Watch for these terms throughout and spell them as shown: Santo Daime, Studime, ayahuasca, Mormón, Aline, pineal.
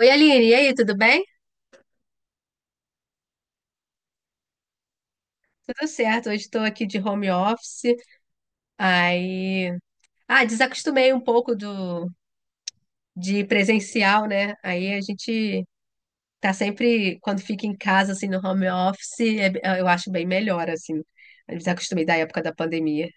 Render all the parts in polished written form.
Oi, Aline, e aí, tudo bem? Tudo certo, hoje estou aqui de home office, aí. Ah, desacostumei um pouco do de presencial, né? Aí a gente tá sempre, quando fica em casa, assim, no home office, eu acho bem melhor, assim. Eu desacostumei da época da pandemia.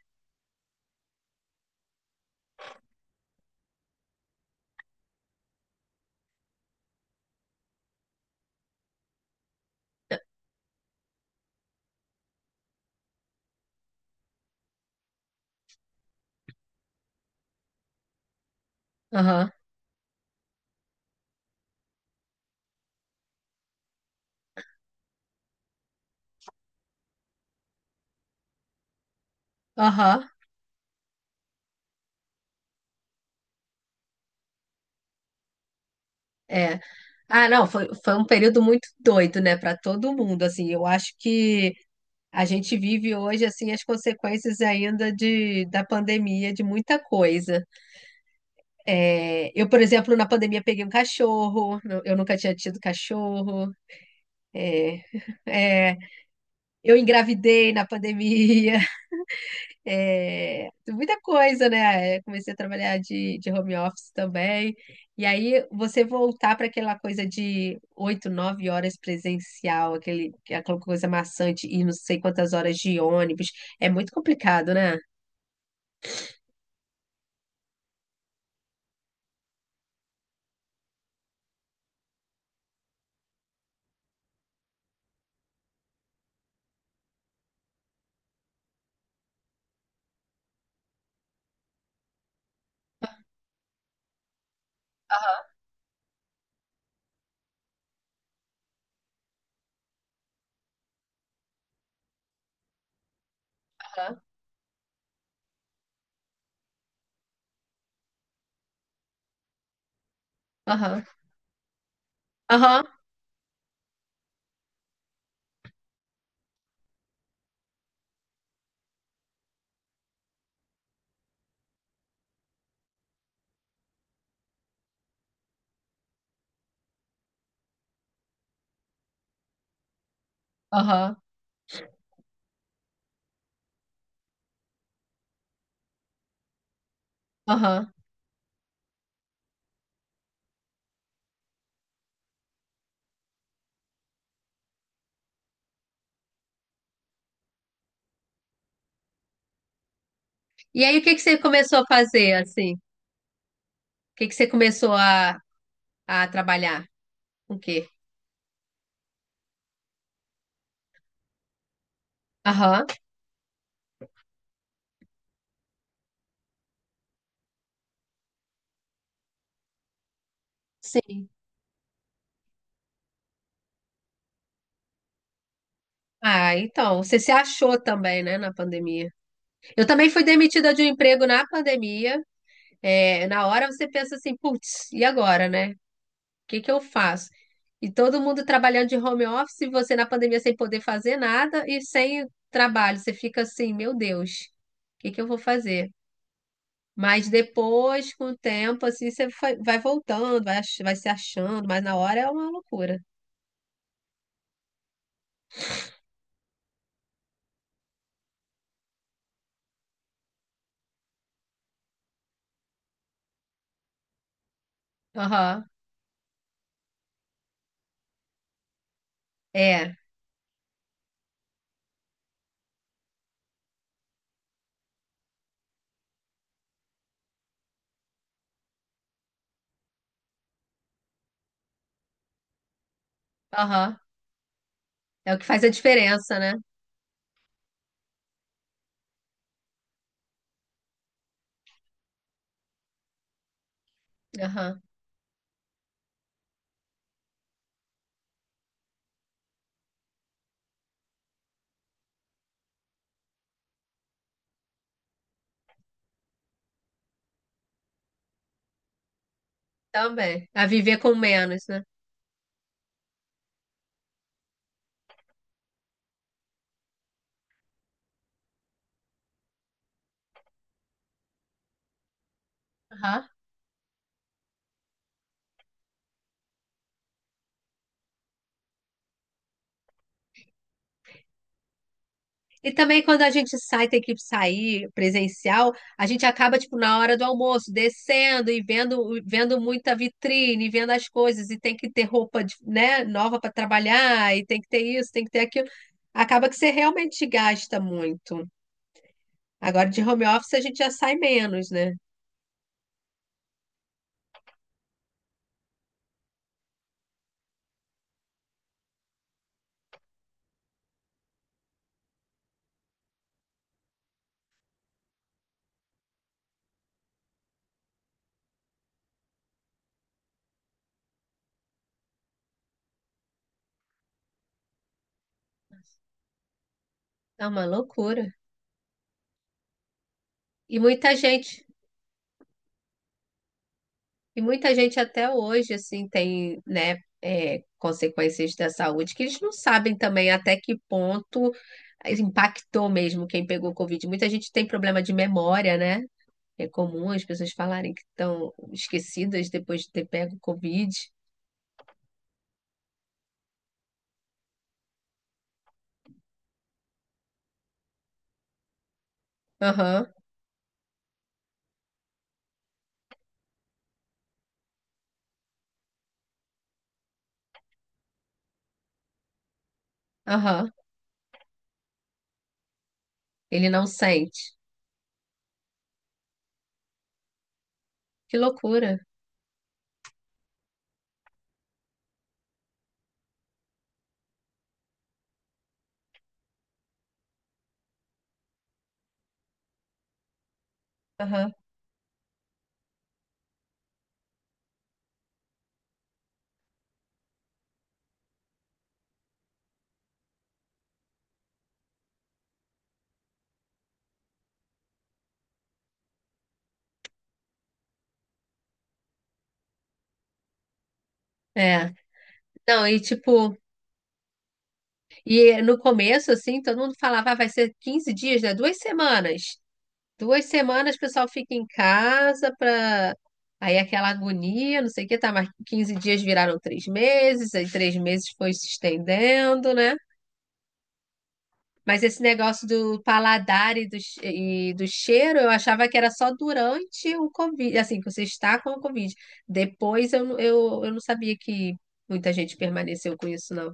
Aham, aham, é. Ah, não, foi um período muito doido, né, para todo mundo, assim. Eu acho que a gente vive hoje assim as consequências ainda da pandemia, de muita coisa. É, eu, por exemplo, na pandemia peguei um cachorro, eu nunca tinha tido cachorro. É, é, eu engravidei na pandemia. É, muita coisa, né? É, comecei a trabalhar de home office também. E aí você voltar para aquela coisa de 8, 9 horas presencial, aquela coisa maçante e não sei quantas horas de ônibus, é muito complicado, né? Aham, aham, aham, aham, aham. E aí, o que que você começou a fazer, assim? O que que você começou a trabalhar? O quê? Aham, sim. Ah, então, você se achou também, né, na pandemia. Eu também fui demitida de um emprego na pandemia. É, na hora você pensa assim, putz, e agora, né? O que que eu faço? E todo mundo trabalhando de home office, e você na pandemia sem poder fazer nada e sem trabalho. Você fica assim, meu Deus, o que que eu vou fazer? Mas depois, com o tempo, assim, você vai voltando, vai, vai se achando, mas na hora é uma loucura. Aham. É. Aham. É o que faz a diferença, né? Aham. Também. A viver com menos, né? Aham. E também quando a gente sai, tem que sair presencial, a gente acaba, tipo, na hora do almoço, descendo e vendo muita vitrine, vendo as coisas, e tem que ter roupa, né, nova para trabalhar, e tem que ter isso, tem que ter aquilo. Acaba que você realmente gasta muito. Agora de home office a gente já sai menos, né? É uma loucura. E muita gente, e muita gente até hoje, assim, tem, né, consequências da saúde que eles não sabem também até que ponto impactou mesmo quem pegou Covid. Muita gente tem problema de memória, né? É comum as pessoas falarem que estão esquecidas depois de ter pego Covid. Aham, aham. Ele não sente. Que loucura. Aham. É. Não, e tipo, e no começo, assim, todo mundo falava, "Ah, vai ser 15 dias, né? 2 semanas. 2 semanas o pessoal fica em casa para. Aí aquela agonia, não sei o que, tá, mas 15 dias viraram 3 meses, aí 3 meses foi se estendendo, né? Mas esse negócio do paladar e do cheiro, eu achava que era só durante o Covid, assim, que você está com o Covid. Depois eu não sabia que muita gente permaneceu com isso, não.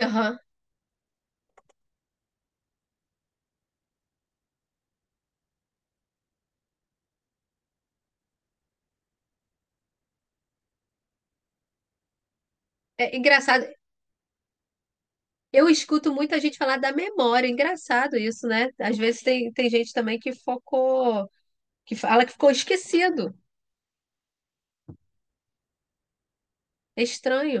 Aham. É engraçado, Eu escuto muita gente falar da memória, é engraçado isso, né? Às vezes tem gente também que focou, que fala que ficou esquecido. É estranho.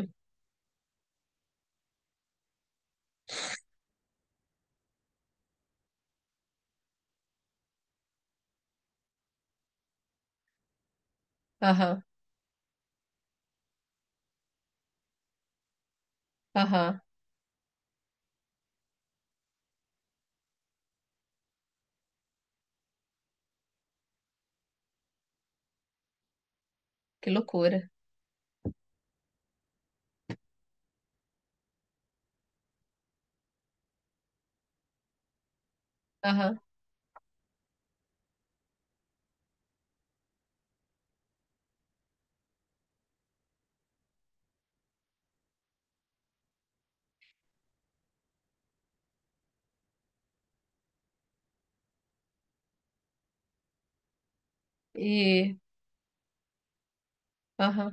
Aham, aham, que loucura. Aham, e. Aham.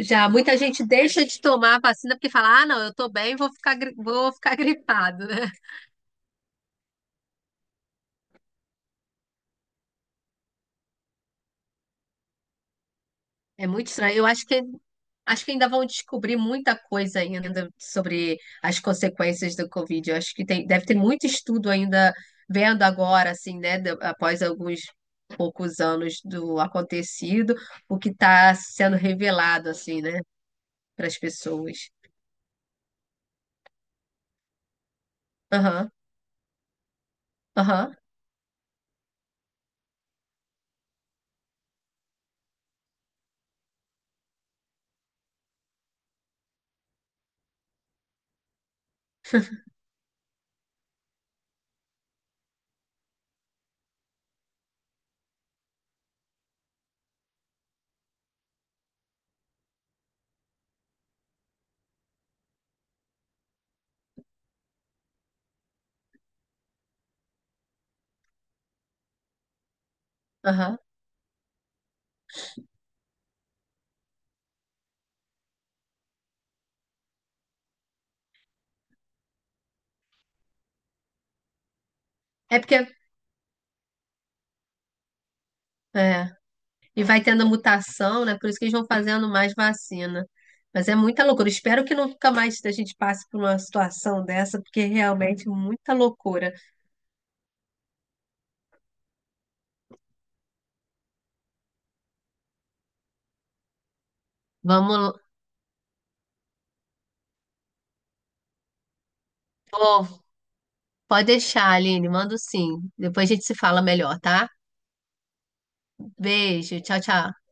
Já muita gente deixa de tomar a vacina porque fala: ah, não, eu tô bem, vou ficar gripado, né? É muito estranho. Eu acho que ainda vão descobrir muita coisa ainda sobre as consequências do Covid. Eu acho que deve ter muito estudo ainda vendo agora, assim, né, após alguns poucos anos do acontecido, o que está sendo revelado, assim, né, para as pessoas. Aham, aham, aham. É porque é, E vai tendo mutação, né? Por isso que eles vão fazendo mais vacina. Mas é muita loucura. Espero que nunca mais a gente passe por uma situação dessa, porque é realmente muita loucura. Vamos. Pô, pode deixar, Aline. Mando sim. Depois a gente se fala melhor, tá? Beijo. Tchau, tchau.